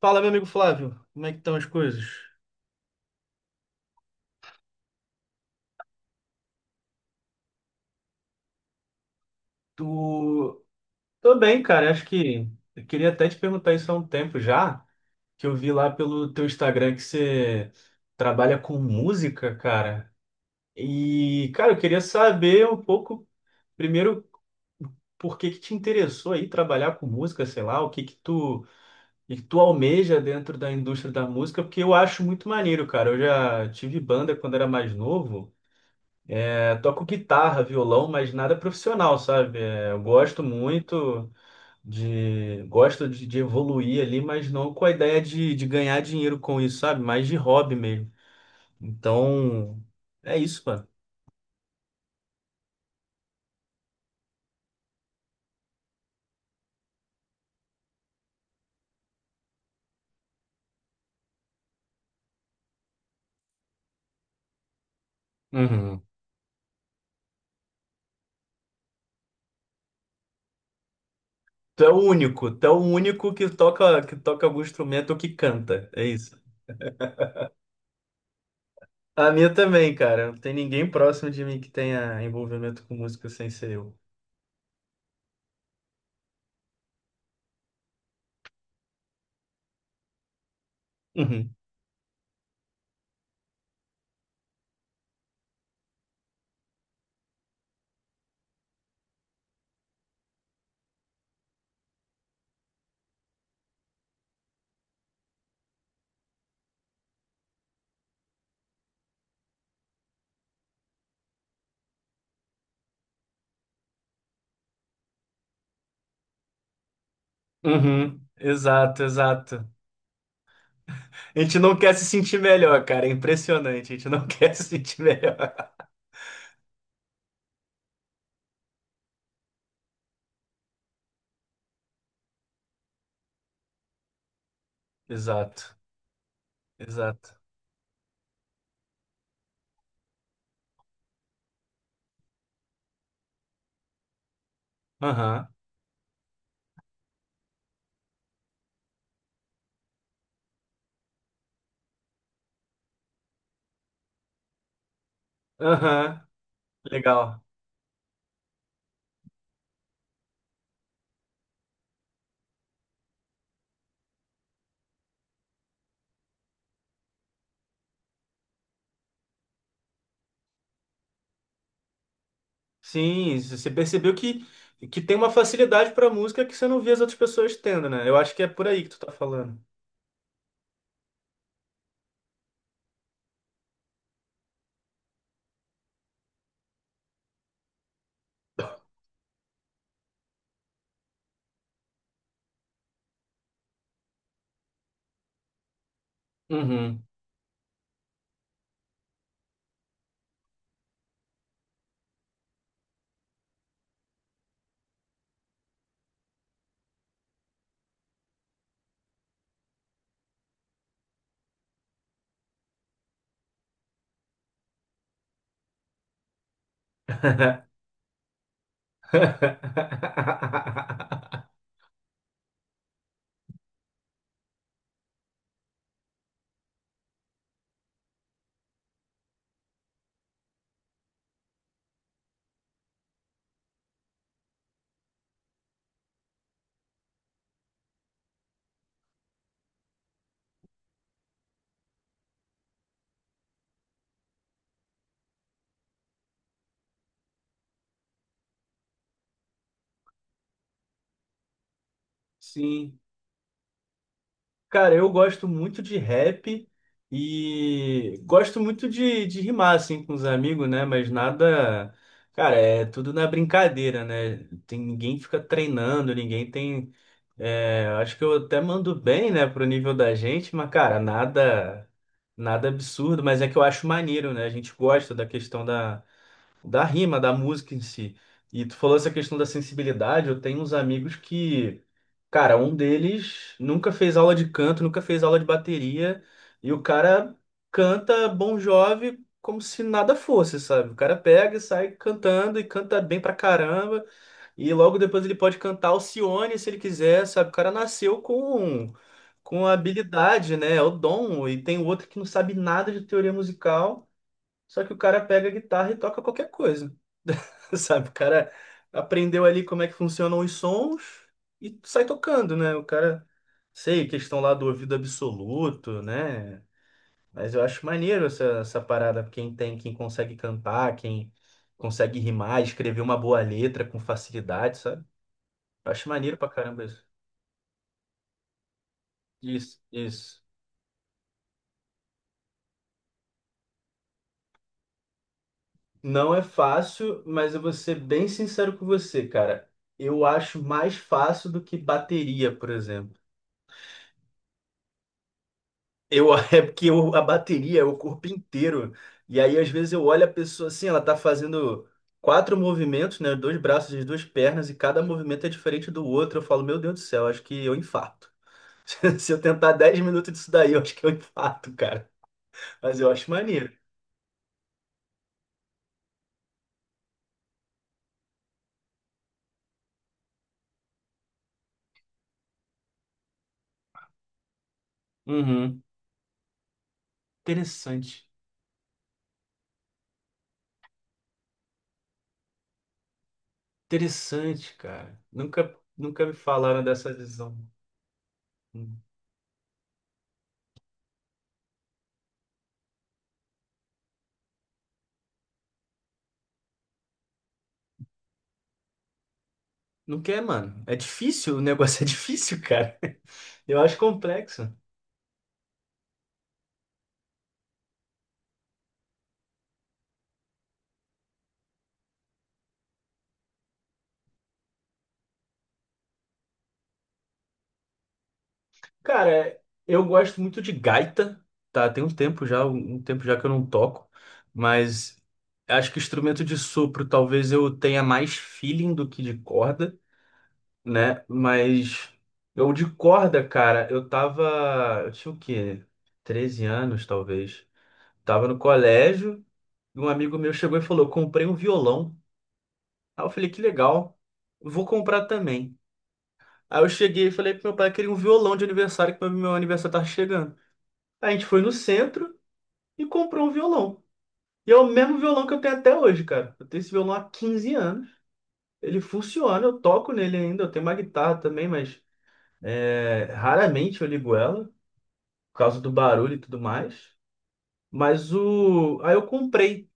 Fala, meu amigo Flávio, como é que estão as coisas? Tu... Tô bem, cara. Acho que eu queria até te perguntar isso há um tempo já, que eu vi lá pelo teu Instagram que você trabalha com música, cara. E, cara, eu queria saber um pouco, primeiro, por que que te interessou aí trabalhar com música, sei lá, o que que tu almeja dentro da indústria da música, porque eu acho muito maneiro, cara. Eu já tive banda quando era mais novo. É, toco guitarra, violão, mas nada profissional, sabe? É, eu gosto de evoluir ali, mas não com a ideia de ganhar dinheiro com isso, sabe? Mais de hobby mesmo. Então, é isso, mano. Uhum. Tu é o único que toca algum instrumento ou que canta, é isso. A minha também, cara. Não tem ninguém próximo de mim que tenha envolvimento com música sem ser eu. Uhum. Uhum. Exato, exato. A gente não quer se sentir melhor, cara. É impressionante. A gente não quer se sentir melhor. Exato. Exato. Aham. Aham. Legal. Sim, você percebeu que tem uma facilidade pra música que você não vê as outras pessoas tendo, né? Eu acho que é por aí que tu tá falando. Uhum. Sim. Cara, eu gosto muito de rap e gosto muito de rimar, assim, com os amigos, né? Mas nada. Cara, é tudo na brincadeira, né? Tem, ninguém fica treinando, ninguém tem. É, acho que eu até mando bem, né, pro nível da gente, mas, cara, nada. Nada absurdo, mas é que eu acho maneiro, né? A gente gosta da questão da rima, da música em si. E tu falou essa questão da sensibilidade, eu tenho uns amigos que. Cara, um deles nunca fez aula de canto, nunca fez aula de bateria, e o cara canta Bon Jovi como se nada fosse, sabe? O cara pega e sai cantando e canta bem pra caramba, e logo depois ele pode cantar Alcione se ele quiser, sabe? O cara nasceu com habilidade, né? É o dom, e tem outro que não sabe nada de teoria musical. Só que o cara pega a guitarra e toca qualquer coisa. Sabe? O cara aprendeu ali como é que funcionam os sons e sai tocando, né? O cara, sei, questão lá do ouvido absoluto, né? Mas eu acho maneiro essa parada. Quem consegue cantar, quem consegue rimar, escrever uma boa letra com facilidade, sabe? Eu acho maneiro pra caramba isso. Isso, isso. Não é fácil, mas eu vou ser bem sincero com você, cara. Eu acho mais fácil do que bateria, por exemplo. É porque a bateria é o corpo inteiro. E aí, às vezes, eu olho a pessoa assim, ela tá fazendo quatro movimentos, né? Dois braços e duas pernas, e cada movimento é diferente do outro. Eu falo, meu Deus do céu, acho que eu infarto. Se eu tentar 10 minutos disso daí, eu acho que eu infarto, cara. Mas eu acho maneiro. Uhum. Interessante. Interessante, cara. Nunca me falaram dessa visão. Hum. Não quer, mano. É difícil, o negócio é difícil, cara. Eu acho complexo. Cara, eu gosto muito de gaita, tá? Tem um tempo já, um tempo já que eu não toco, mas acho que instrumento de sopro talvez eu tenha mais feeling do que de corda, né? Mas eu de corda, cara, eu tinha o quê? 13 anos, talvez. Tava no colégio. Um amigo meu chegou e falou: comprei um violão. Aí eu falei: que legal, vou comprar também. Aí eu cheguei e falei pro meu pai: queria um violão de aniversário, que meu aniversário tá chegando. Aí a gente foi no centro e comprou um violão. E é o mesmo violão que eu tenho até hoje, cara. Eu tenho esse violão há 15 anos. Ele funciona, eu toco nele ainda. Eu tenho uma guitarra também, mas raramente eu ligo ela, por causa do barulho e tudo mais. Mas o. Aí eu comprei.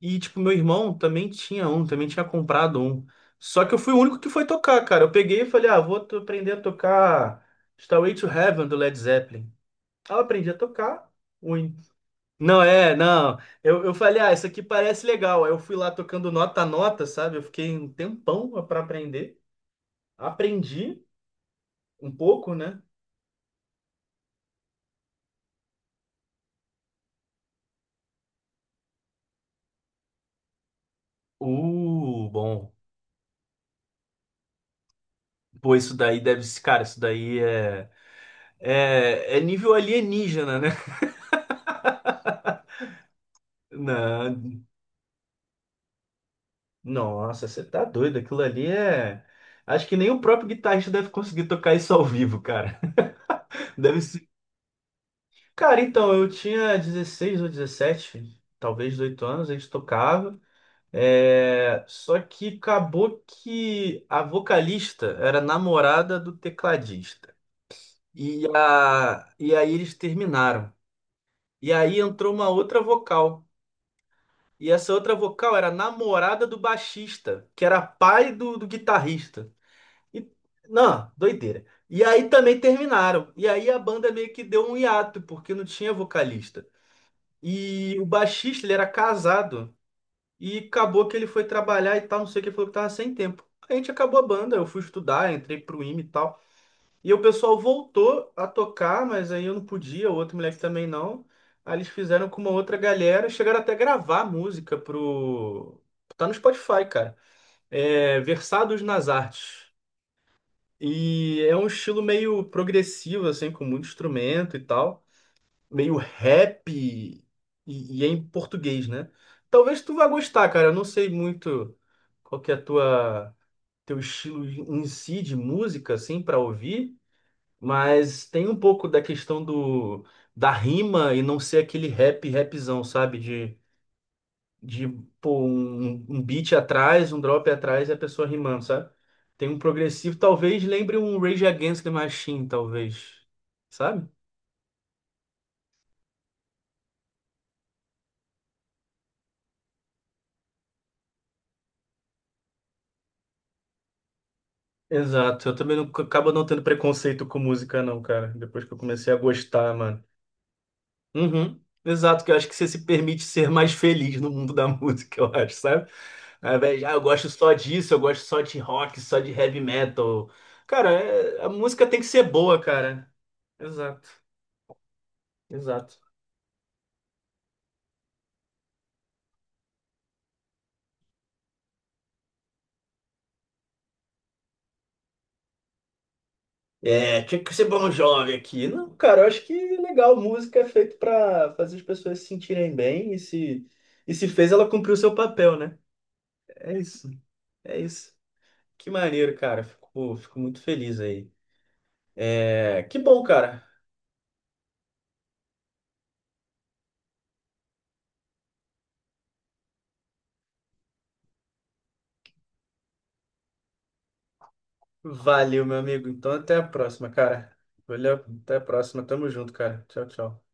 E, tipo, meu irmão também tinha comprado um. Só que eu fui o único que foi tocar, cara. Eu peguei e falei, ah, vou aprender a tocar Stairway to Heaven do Led Zeppelin. Aí eu aprendi a tocar. Ui. Não, não. Eu falei, ah, isso aqui parece legal. Aí eu fui lá tocando nota a nota, sabe? Eu fiquei um tempão pra aprender. Aprendi um pouco, né? Bom. Pô, isso daí deve ser, cara, isso daí é nível alienígena, né? Não. Nossa, você tá doido. Aquilo ali é. Acho que nem o próprio guitarrista deve conseguir tocar isso ao vivo, cara. Deve ser. Cara, então, eu tinha 16 ou 17, talvez 18 anos, a gente tocava. Só que acabou que a vocalista era namorada do tecladista. E aí eles terminaram. E aí entrou uma outra vocal. E essa outra vocal era namorada do baixista, que era pai do guitarrista. E, não, doideira. E aí também terminaram. E aí a banda meio que deu um hiato, porque não tinha vocalista. E o baixista, ele era casado. E acabou que ele foi trabalhar e tal, não sei o que, ele falou que tava sem tempo. A gente acabou a banda, eu fui estudar, entrei pro IME e tal. E o pessoal voltou a tocar, mas aí eu não podia, o outro moleque também não. Aí eles fizeram com uma outra galera, chegaram até a gravar música pro... Tá no Spotify, cara. É, Versados nas Artes. E é um estilo meio progressivo, assim, com muito instrumento e tal. Meio rap e é em português, né? Talvez tu vá gostar, cara. Eu não sei muito qual que é teu estilo em si de música, assim, para ouvir. Mas tem um pouco da questão da rima e não ser aquele rap, rapzão, sabe? De pô, um beat atrás, um drop atrás e a pessoa rimando, sabe? Tem um progressivo, talvez lembre um Rage Against the Machine, talvez, sabe? Exato, eu também não, acabo não tendo preconceito com música, não, cara. Depois que eu comecei a gostar, mano. Uhum. Exato, que eu acho que você se permite ser mais feliz no mundo da música, eu acho, sabe? Ao invés de, ah, eu gosto só disso, eu gosto só de rock, só de heavy metal. Cara, a música tem que ser boa, cara. Exato, exato. É, tinha que ser bom jovem aqui. Não, cara, eu acho que é legal. Música é feito pra fazer as pessoas se sentirem bem e se fez, ela cumpriu o seu papel, né? É isso, é isso. Que maneiro, cara. Fico muito feliz aí. É, que bom, cara. Valeu, meu amigo. Então, até a próxima, cara. Valeu, até a próxima. Tamo junto, cara. Tchau, tchau.